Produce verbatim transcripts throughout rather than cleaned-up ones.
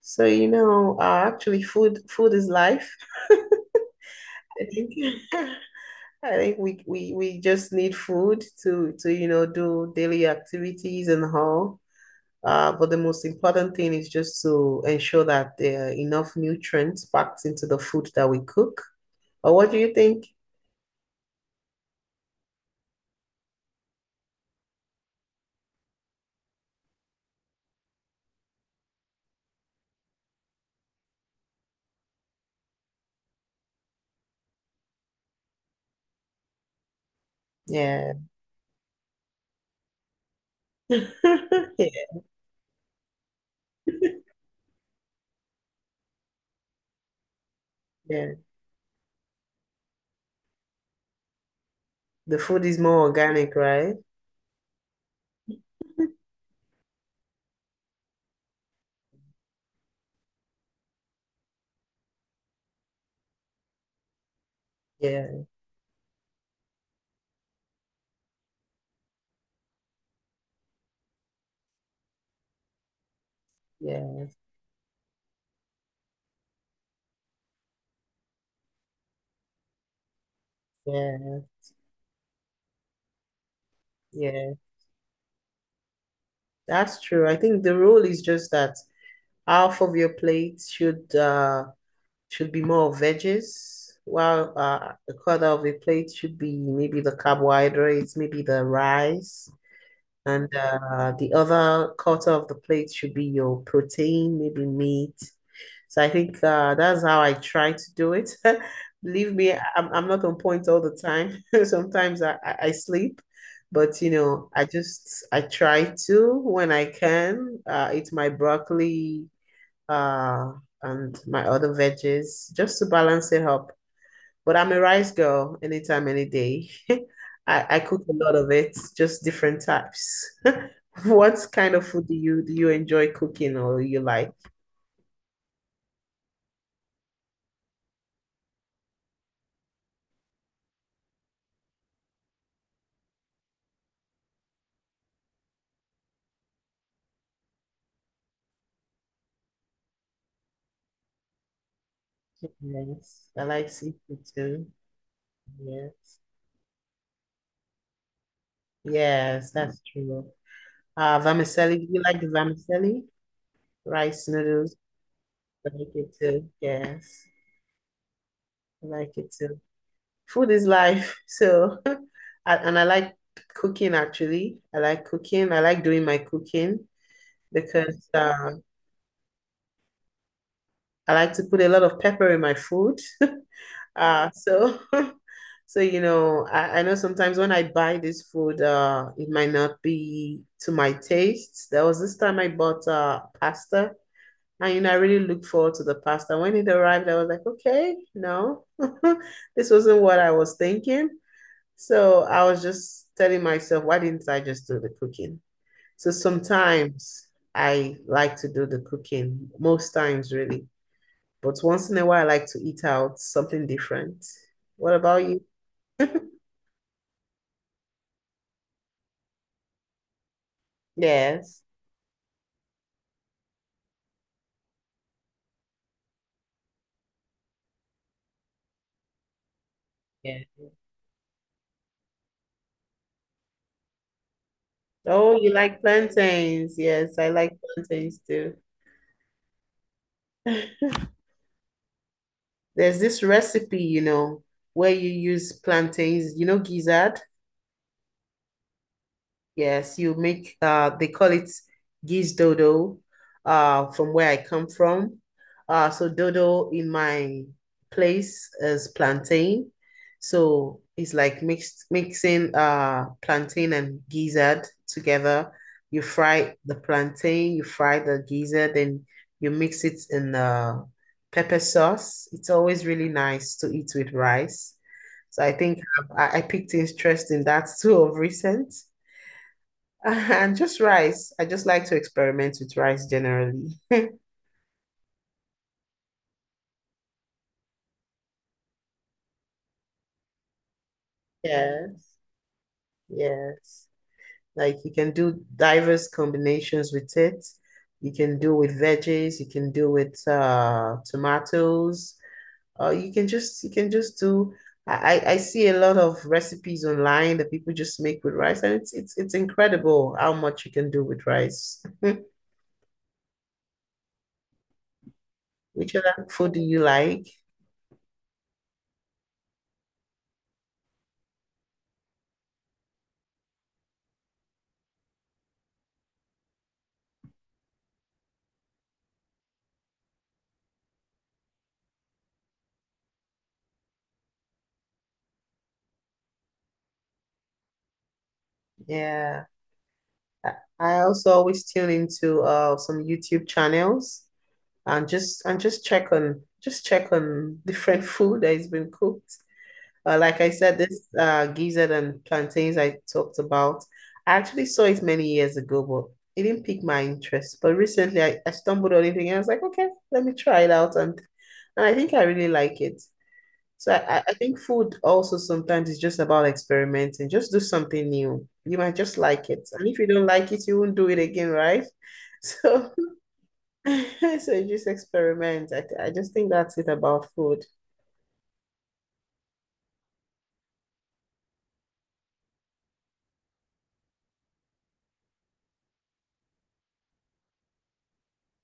So, you know, uh, actually food food is life. I think I think we, we we just need food to to you know do daily activities and all. Uh, but the most important thing is just to ensure that there are enough nutrients packed into the food that we cook. Or what do you think? Yeah. Yeah, yeah. The food is more organic, right? Yeah, yeah, yeah, yeah. That's true. I think the rule is just that half of your plate should uh should be more veggies, while uh, a quarter of the plate should be maybe the carbohydrates, maybe the rice, and uh, the other quarter of the plate should be your protein, maybe meat. So I think uh, that's how I try to do it. Believe me, I'm, I'm not on point all the time. Sometimes I, I I sleep, but you know, I just I try to when I can uh, eat my broccoli uh, and my other veggies just to balance it up. But I'm a rice girl anytime, any day. I, I cook a lot of it, just different types. What kind of food do you do you enjoy cooking or you like? Yes, I like seafood too. Yes. Yes, that's true. Uh, vermicelli, do you like the vermicelli? Rice noodles, I like it too. Yes, I like it too. Food is life. So, and I like cooking actually. I like cooking. I like doing my cooking because uh, I like to put a lot of pepper in my food. Uh, so, so you know, I, I know sometimes when I buy this food, uh, it might not be to my taste. There was this time I bought uh, pasta. And you know, I really looked forward to the pasta. When it arrived, I was like, okay, no, this wasn't what I was thinking. So I was just telling myself, why didn't I just do the cooking? So sometimes I like to do the cooking, most times really. But once in a while, I like to eat out something different. What about you? Yes. Yeah. Oh, you like plantains? Yes, I like plantains too. There's this recipe, you know, where you use plantains, you know, gizzard. Yes, you make uh they call it geese dodo uh from where I come from. Uh so dodo in my place is plantain. So it's like mixed mixing uh plantain and gizzard together. You fry the plantain, you fry the gizzard, then you mix it in uh pepper sauce. It's always really nice to eat with rice. So I think I, I picked interest in that too of recent. And just rice. I just like to experiment with rice generally. Yes, yes. Like you can do diverse combinations with it. You can do with veggies, you can do with uh tomatoes, or you can just you can just do I, I I see a lot of recipes online that people just make with rice and it's it's it's incredible how much you can do with rice. Which other food do you like? Yeah, I I also always tune into uh some YouTube channels and just and just check on just check on different food that has been cooked. Uh, like I said, this uh, gizzard and plantains I talked about, I actually saw it many years ago, but it didn't pique my interest. But recently, I, I stumbled on it and I was like, okay, let me try it out, and and I think I really like it. So I, I think food also sometimes is just about experimenting. Just do something new. You might just like it, and if you don't like it, you won't do it again, right? So, so just experiment. I, I just think that's it about food.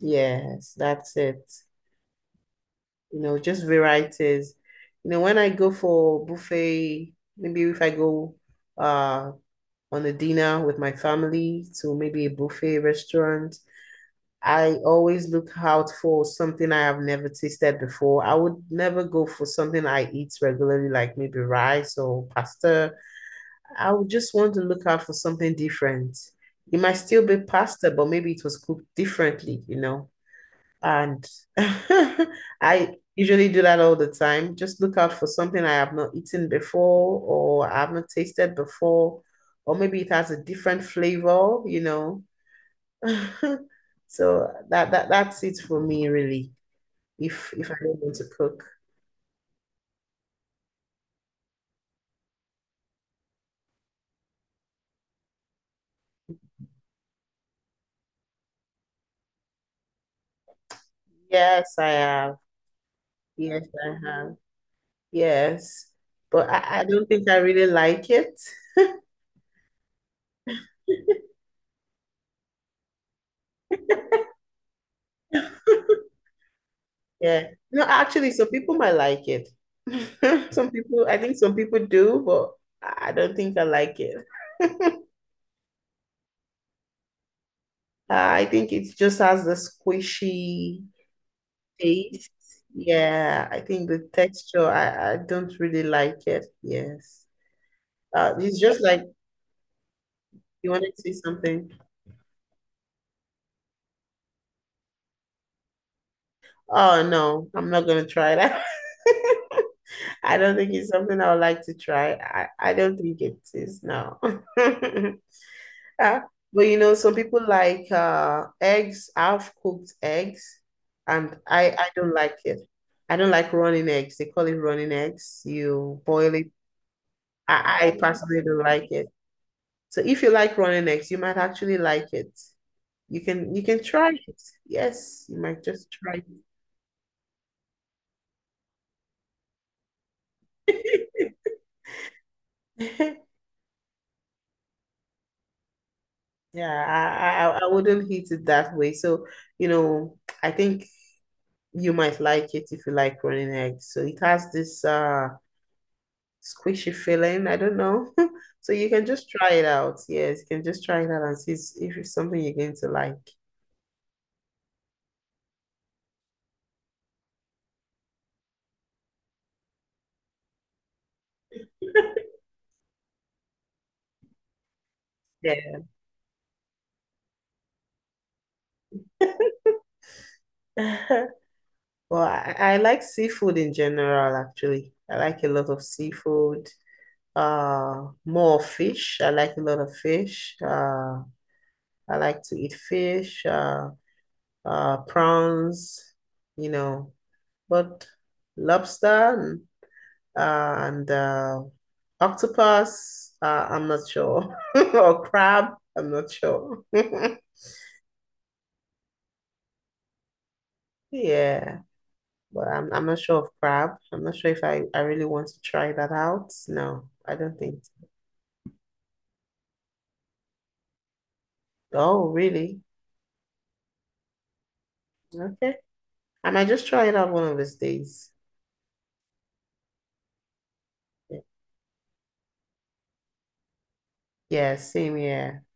Yes, that's it. You know, just varieties. You know, when I go for buffet, maybe if I go uh on a dinner with my family to maybe a buffet restaurant, I always look out for something I have never tasted before. I would never go for something I eat regularly, like maybe rice or pasta. I would just want to look out for something different. It might still be pasta, but maybe it was cooked differently, you know. And I usually do that all the time. Just look out for something I have not eaten before or I haven't tasted before, or maybe it has a different flavor, you know. So that that that's it for me really. If if I don't want to cook. Yes, I have. Yes, I have. Yes. But I, I don't think I really like it. Yeah. No, actually, some people might like it. Some people, I think some people do, but I don't think I like it. uh, I think it just has the squishy taste. Yeah, I think the texture, I, I don't really like it. Yes. Uh, it's just like you want to see something. Oh, no, I'm not going to try that. I don't think it's something I would like to try. I, I don't think it is, no. Yeah. But you know, some people like uh eggs, half cooked eggs, and I I don't like it. I don't like running eggs. They call it running eggs. You boil it. I, I personally don't like it. So if you like running eggs, you might actually like it. You can you can try it. Yes, you might just try it. Yeah, I, I I wouldn't eat it that way. So, you know, I think you might like it if you like running eggs. So it has this uh squishy feeling. I don't know. So you can just try it out. Yes, you can just try it out and see if it's something you're going to like. Yeah. Well, I, I like seafood in general, actually. I like a lot of seafood. Uh, more fish. I like a lot of fish. Uh, I like to eat fish, uh, uh, prawns, you know, but lobster, uh, and uh, octopus. Uh, I'm not sure, or crab. I'm not sure. Yeah, but I'm I'm not sure of crab. I'm not sure if I I really want to try that out. No, I don't think so. Oh, really? Okay. I might just try it out one of these days. Yeah, same here.